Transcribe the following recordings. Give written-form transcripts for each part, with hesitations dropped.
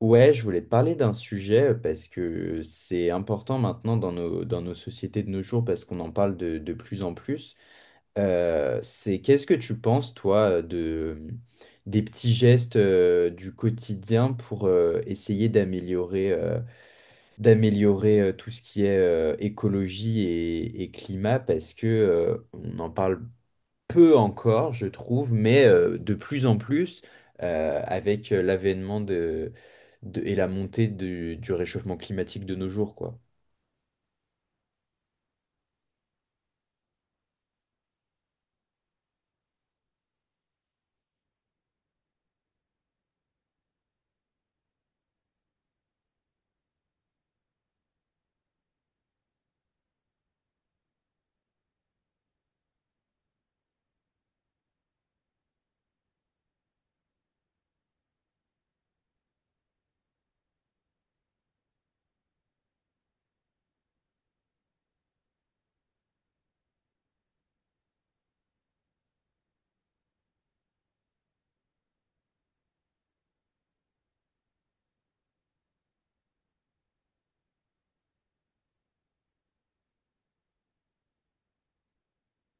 Ouais, je voulais te parler d'un sujet parce que c'est important maintenant dans dans nos sociétés de nos jours parce qu'on en parle de plus en plus. C'est qu'est-ce que tu penses, toi, de des petits gestes du quotidien pour essayer d'améliorer tout ce qui est écologie et climat parce que on en parle peu encore, je trouve, mais de plus en plus, avec l'avènement et la montée du réchauffement climatique de nos jours, quoi.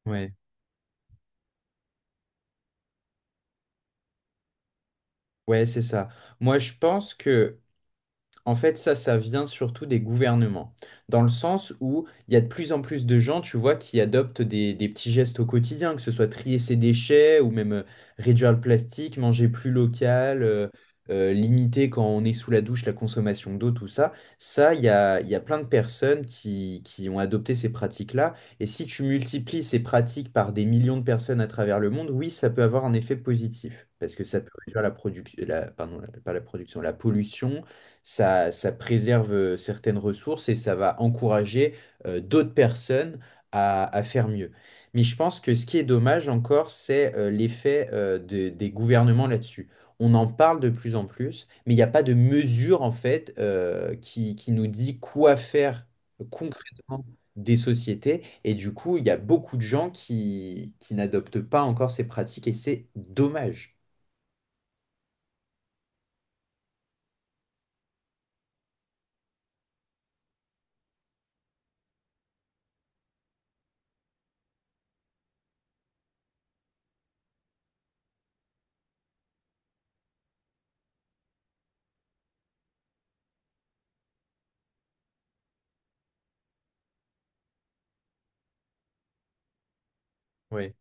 Ouais. Ouais, c'est ça. Moi, je pense que En fait, ça vient surtout des gouvernements, dans le sens où il y a de plus en plus de gens, tu vois, qui adoptent des petits gestes au quotidien, que ce soit trier ses déchets ou même réduire le plastique, manger plus local, limiter quand on est sous la douche la consommation d'eau, tout ça. Ça, il y a plein de personnes qui ont adopté ces pratiques-là. Et si tu multiplies ces pratiques par des millions de personnes à travers le monde, oui, ça peut avoir un effet positif, parce que ça peut réduire la production, la, pardon, la- pas la production, la pollution, ça préserve certaines ressources et ça va encourager d'autres personnes à faire mieux. Mais je pense que ce qui est dommage encore, c'est des gouvernements là-dessus. On en parle de plus en plus, mais il n'y a pas de mesure en fait qui nous dit quoi faire concrètement des sociétés. Et du coup, il y a beaucoup de gens qui n'adoptent pas encore ces pratiques et c'est dommage. Oui.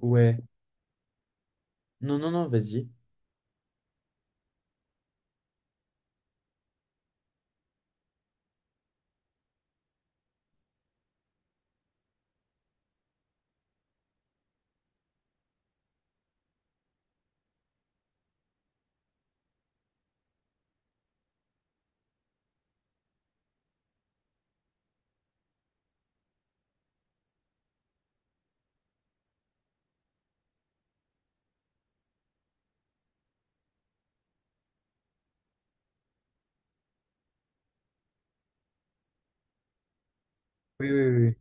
Ouais. Non, non, non, vas-y. Oui, oui, oui.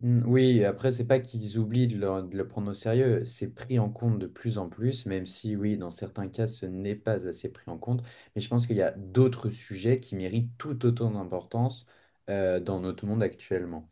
Oui, après, c'est pas qu'ils oublient de le prendre au sérieux, c'est pris en compte de plus en plus, même si, oui, dans certains cas, ce n'est pas assez pris en compte. Mais je pense qu'il y a d'autres sujets qui méritent tout autant d'importance dans notre monde actuellement.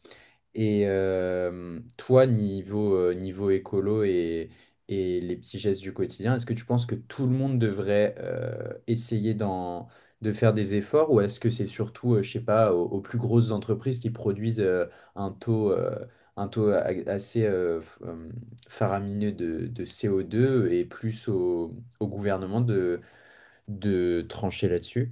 Et toi, niveau écolo et les petits gestes du quotidien, est-ce que tu penses que tout le monde devrait de faire des efforts ou est-ce que c'est surtout, je sais pas, aux plus grosses entreprises qui produisent un taux, euh, un taux a- assez f- faramineux de CO2 et plus au gouvernement de trancher là-dessus?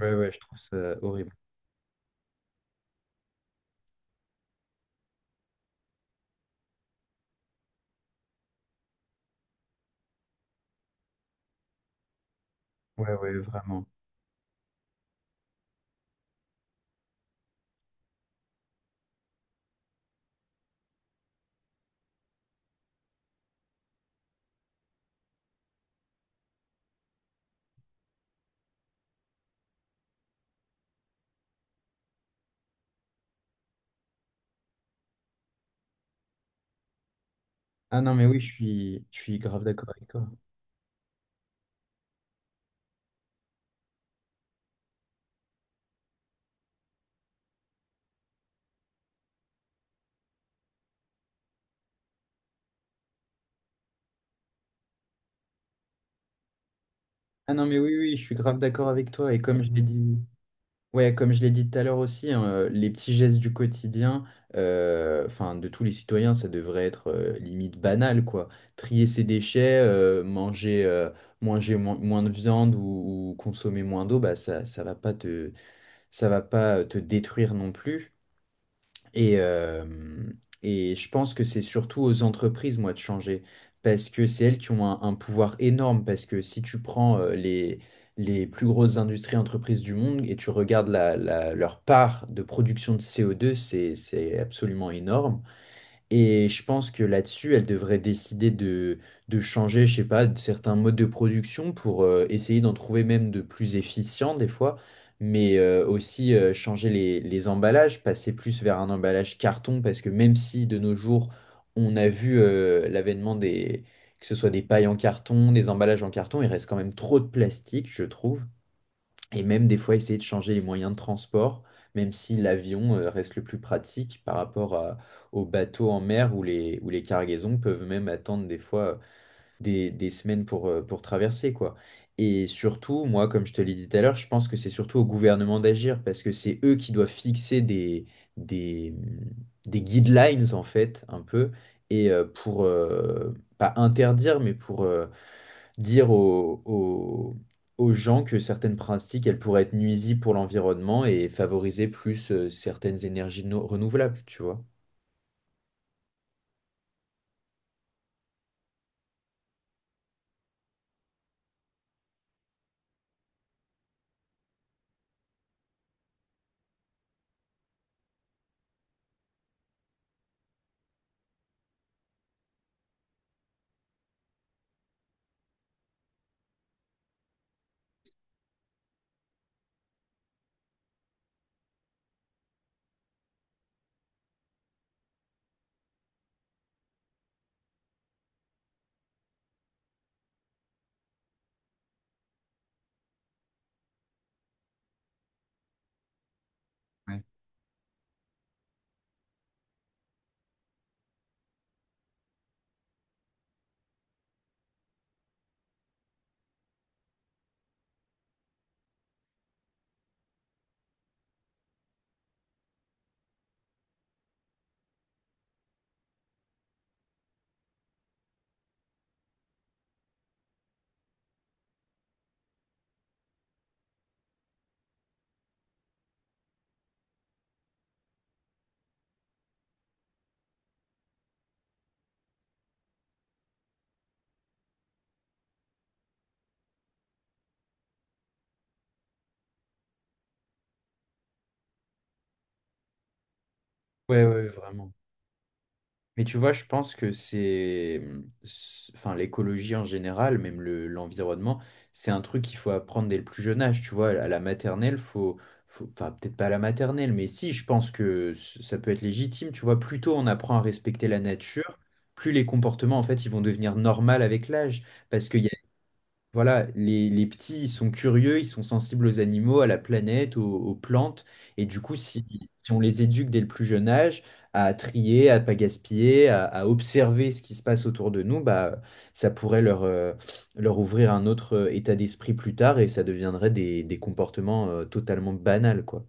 Ouais, ouais, je trouve ça horrible. Ouais, ouais, vraiment. Ah non, mais oui, je suis grave d'accord avec toi. Ah non, mais oui, oui, je suis grave d'accord avec toi. Comme je l'ai dit tout à l'heure aussi, hein, les petits gestes du quotidien, enfin, de tous les citoyens, ça devrait être limite banal, quoi. Trier ses déchets, manger moins de viande ou consommer moins d'eau, bah, ça va pas te détruire non plus. Et, euh, et je pense que c'est surtout aux entreprises, moi, de changer, parce que c'est elles qui ont un pouvoir énorme, parce que si tu prends les plus grosses industries entreprises du monde et tu regardes leur part de production de CO2, c'est absolument énorme. Et je pense que là-dessus, elle devrait décider de changer, je sais pas, de certains modes de production pour essayer d'en trouver même de plus efficients des fois, mais aussi changer les emballages, passer plus vers un emballage carton, parce que même si de nos jours, on a vu l'avènement que ce soit des pailles en carton, des emballages en carton, il reste quand même trop de plastique, je trouve. Et même des fois, essayer de changer les moyens de transport, même si l'avion reste le plus pratique par rapport aux bateaux en mer où où les cargaisons peuvent même attendre des fois des semaines pour traverser, quoi. Et surtout, moi, comme je te l'ai dit tout à l'heure, je pense que c'est surtout au gouvernement d'agir parce que c'est eux qui doivent fixer des, mm, des guidelines, en fait, un peu, et euh, pour, euh, pas interdire, mais pour... dire aux, aux- aux gens que certaines pratiques, elles pourraient être nuisibles pour l'environnement et favoriser plus certaines énergies no- renouvelables, tu vois. Ouais, ouais, vraiment. Mais tu vois, je pense que enfin, l'écologie en général, même l'environnement, c'est un truc qu'il faut apprendre dès le plus jeune âge. Tu vois, à la maternelle, faut, enfin, peut-être pas à la maternelle, mais si, je pense que ça peut être légitime. Tu vois, plus tôt on apprend à respecter la nature, plus les comportements, en fait, ils vont devenir normaux avec l'âge. Parce qu'il y a Voilà, les petits, ils sont curieux, ils sont sensibles aux animaux, à la planète, aux plantes. Et du coup, si on les éduque dès le plus jeune âge à trier, à pas gaspiller, à observer ce qui se passe autour de nous, bah, ça pourrait leur ouvrir un autre état d'esprit plus tard et ça deviendrait des comportements totalement banals, quoi.